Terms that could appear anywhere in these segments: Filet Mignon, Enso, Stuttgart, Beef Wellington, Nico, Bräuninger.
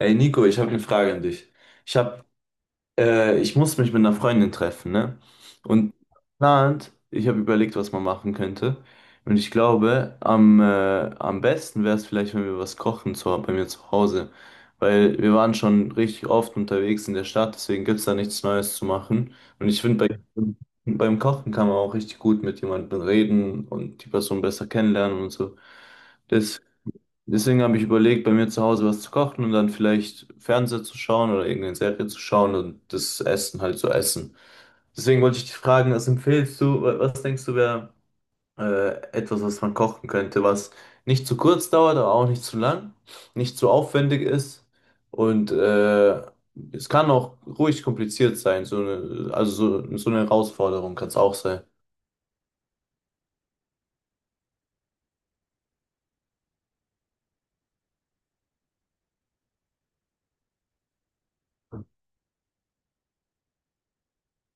Ey Nico, ich habe eine Frage an dich. Ich habe, ich muss mich mit einer Freundin treffen, ne? Und ich habe überlegt, was man machen könnte. Und ich glaube, am besten wäre es vielleicht, wenn wir was kochen bei mir zu Hause. Weil wir waren schon richtig oft unterwegs in der Stadt, deswegen gibt es da nichts Neues zu machen. Und ich finde, beim Kochen kann man auch richtig gut mit jemandem reden und die Person besser kennenlernen und so. Deswegen habe ich überlegt, bei mir zu Hause was zu kochen und dann vielleicht Fernseher zu schauen oder irgendeine Serie zu schauen und das Essen halt zu essen. Deswegen wollte ich dich fragen, was empfiehlst du, was denkst du wäre etwas, was man kochen könnte, was nicht zu kurz dauert, aber auch nicht zu lang, nicht zu aufwendig ist und es kann auch ruhig kompliziert sein, so eine Herausforderung kann es auch sein.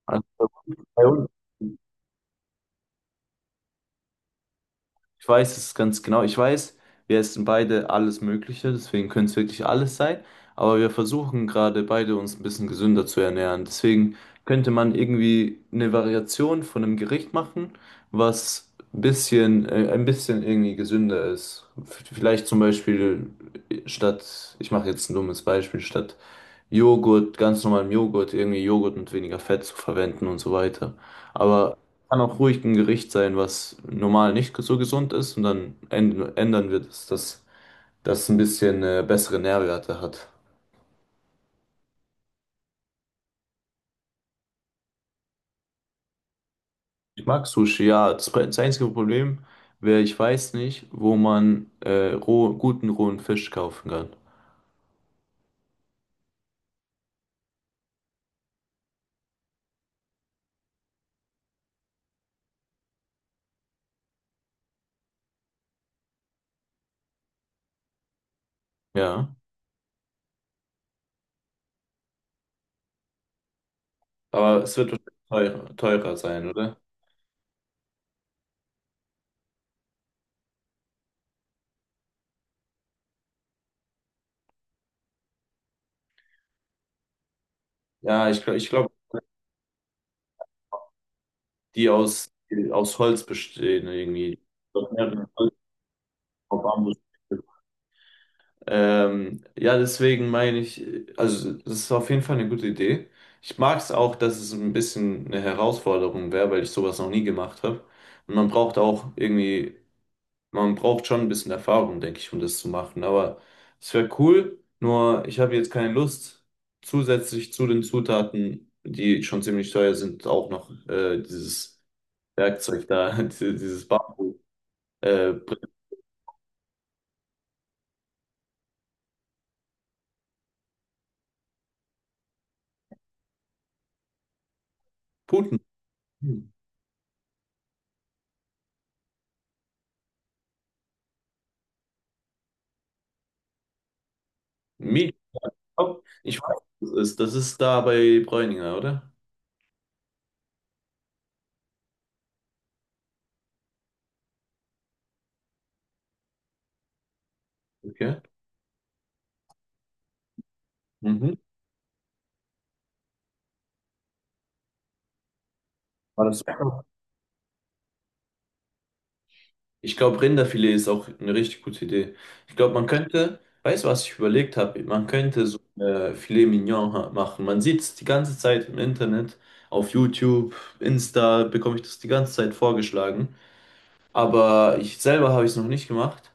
Also, bei uns. Ich weiß es ganz genau. Ich weiß, wir essen beide alles Mögliche, deswegen könnte es wirklich alles sein. Aber wir versuchen gerade beide uns ein bisschen gesünder zu ernähren. Deswegen könnte man irgendwie eine Variation von einem Gericht machen, was ein bisschen irgendwie gesünder ist. Vielleicht zum Beispiel statt, ich mache jetzt ein dummes Beispiel, statt Joghurt, ganz normalen Joghurt, irgendwie Joghurt mit weniger Fett zu verwenden und so weiter. Aber kann auch ruhig ein Gericht sein, was normal nicht so gesund ist und dann ändern wir das, dass das ein bisschen bessere Nährwerte hat. Ich mag Sushi, ja. Das einzige Problem wäre, ich weiß nicht, wo man guten rohen Fisch kaufen kann. Ja, aber es wird wahrscheinlich teurer sein, oder? Ja, ich glaube, die aus Holz bestehen irgendwie. Auf Armut. Ja, deswegen meine ich, also das ist auf jeden Fall eine gute Idee. Ich mag es auch, dass es ein bisschen eine Herausforderung wäre, weil ich sowas noch nie gemacht habe. Und man braucht auch irgendwie, man braucht schon ein bisschen Erfahrung, denke ich, um das zu machen. Aber es wäre cool, nur ich habe jetzt keine Lust, zusätzlich zu den Zutaten, die schon ziemlich teuer sind, auch noch dieses Werkzeug da, dieses Bamboo, äh, Puten. Oh, ich weiß, was das ist. Das ist da bei Bräuninger, oder? Okay. Mhm. War das? Ich glaube, Rinderfilet ist auch eine richtig gute Idee. Ich glaube, man könnte, weißt du, was ich überlegt habe? Man könnte so Filet Mignon machen. Man sieht es die ganze Zeit im Internet, auf YouTube, Insta bekomme ich das die ganze Zeit vorgeschlagen. Aber ich selber habe ich es noch nicht gemacht.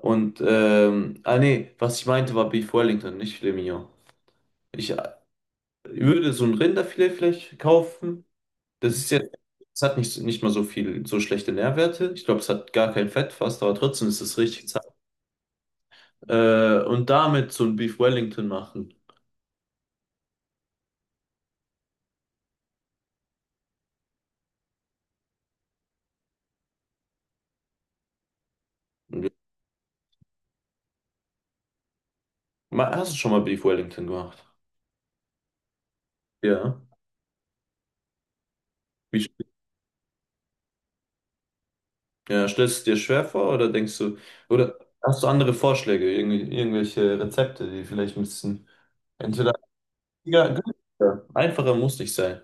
Und, nee, was ich meinte war Beef Wellington, nicht Filet Mignon. Ich würde so ein Rinderfilet vielleicht kaufen. Das ist jetzt, es hat nicht mal so viel, so schlechte Nährwerte. Ich glaube, es hat gar kein Fett fast, aber trotzdem ist es richtig zart. Und damit so ein Beef Wellington machen. Hast du schon mal Beef Wellington gemacht? Ja. Wie, sch- ja, stellst du es dir schwer vor oder denkst du, oder hast du andere Vorschläge, irgendwelche Rezepte, die vielleicht ein bisschen entweder ja, günstiger, einfacher muss nicht sein.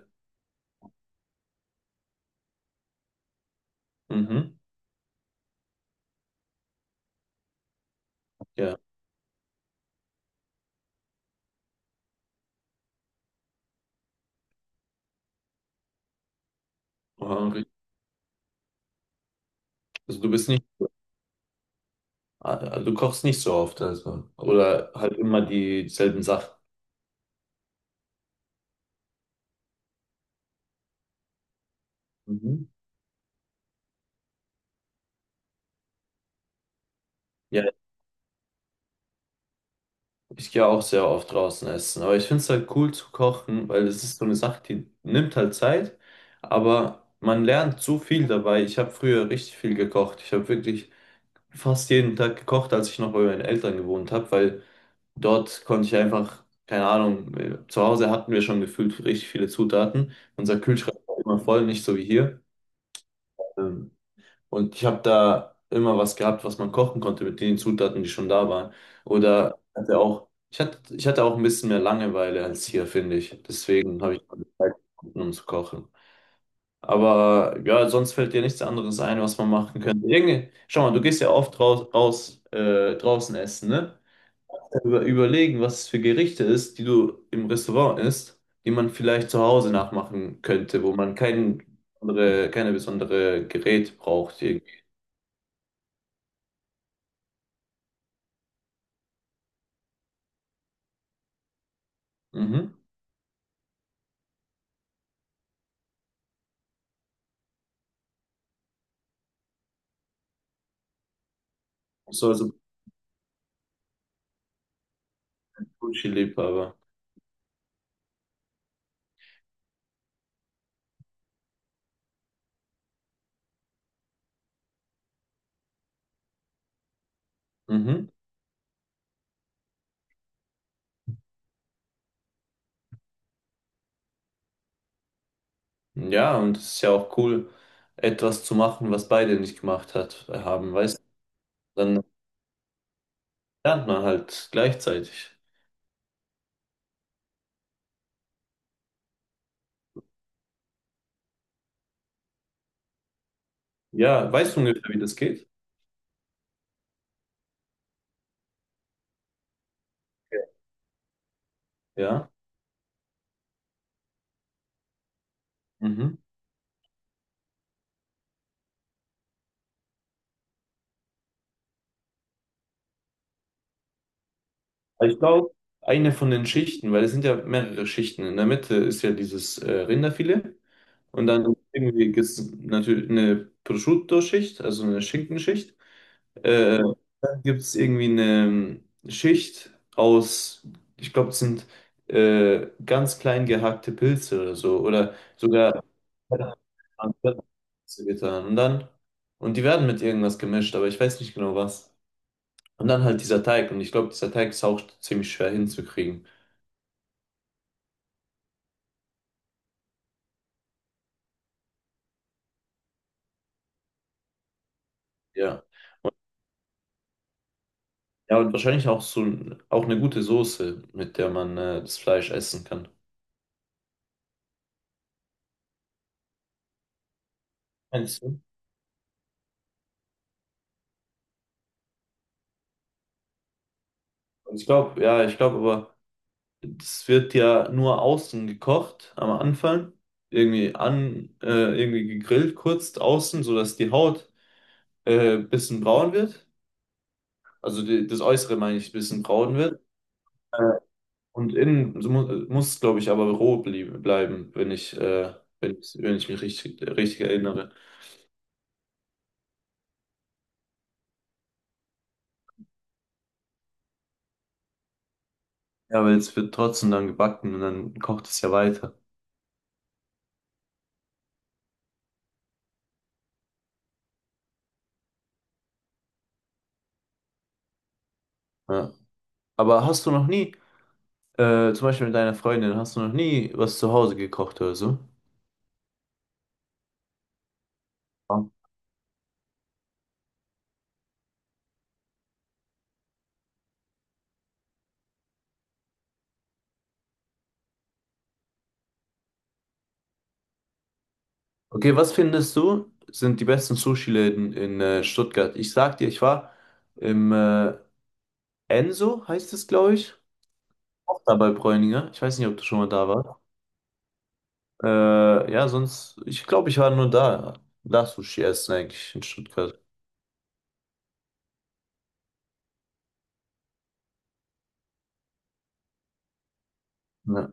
Mhm. Ja. Wow, richtig. Also du bist nicht, du kochst nicht so oft, also. Oder halt immer dieselben Sachen. Mhm. Ja, ich gehe auch sehr oft draußen essen, aber ich finde es halt cool zu kochen, weil es ist so eine Sache, die nimmt halt Zeit, aber man lernt so viel dabei. Ich habe früher richtig viel gekocht. Ich habe wirklich fast jeden Tag gekocht, als ich noch bei meinen Eltern gewohnt habe, weil dort konnte ich einfach, keine Ahnung, zu Hause hatten wir schon gefühlt richtig viele Zutaten. Unser Kühlschrank war immer voll, nicht so wie hier. Ähm, Und ich habe da immer was gehabt, was man kochen konnte mit den Zutaten, die schon da waren. Oder hatte auch, ich hatte auch ein bisschen mehr Langeweile als hier, finde ich. Deswegen habe ich mal die Zeit gefunden, um zu kochen. Aber ja, sonst fällt dir nichts anderes ein, was man machen könnte. Irgendwie, schau mal, du gehst ja oft raus, raus draußen essen, ne? Überlegen, was es für Gerichte ist, die du im Restaurant isst, die man vielleicht zu Hause nachmachen könnte, wo man keine besondere Gerät braucht irgendwie. Mhm. So, also Gucci-Liebhaber. Mhm. Ja, und es ist ja auch cool, etwas zu machen, was beide nicht gemacht haben, weißt du? Dann lernt man halt gleichzeitig. Ja, weißt du ungefähr, wie das geht? Ja. Mhm. Aber ich glaube, eine von den Schichten, weil es sind ja mehrere Schichten. In der Mitte ist ja dieses Rinderfilet und dann irgendwie gibt es natürlich eine Prosciutto-Schicht, also eine Schinkenschicht. Äh, dann gibt es irgendwie eine Schicht aus, ich glaube, es sind ganz klein gehackte Pilze oder so. Oder sogar Pilze getan. Und die werden mit irgendwas gemischt, aber ich weiß nicht genau was. Und dann halt dieser Teig. Und ich glaube, dieser Teig ist auch ziemlich schwer hinzukriegen. Ja. Ja, und wahrscheinlich auch auch eine gute Soße, mit der man das Fleisch essen kann. Meinst du? Ich glaube, ja, ich glaube aber. Es wird ja nur außen gekocht am Anfang, irgendwie irgendwie gegrillt, kurz außen, sodass die Haut bisschen braun wird. Also das Äußere meine ich, bisschen braun wird. Äh, und innen so mu muss, glaube ich, aber roh bleiben, wenn ich mich richtig erinnere. Ja, weil es wird trotzdem dann gebacken und dann kocht es ja weiter. Ja. Aber hast du noch nie, zum Beispiel mit deiner Freundin, hast du noch nie was zu Hause gekocht oder so? Okay, was findest du, sind die besten Sushi-Läden in Stuttgart? Ich sag dir, ich war im Enso, heißt es, glaube ich. Auch da bei Bräuninger. Ich weiß nicht, ob du schon mal da warst. Ja, sonst, ich glaube, ich war nur da. Da Sushi essen eigentlich in Stuttgart. Ja.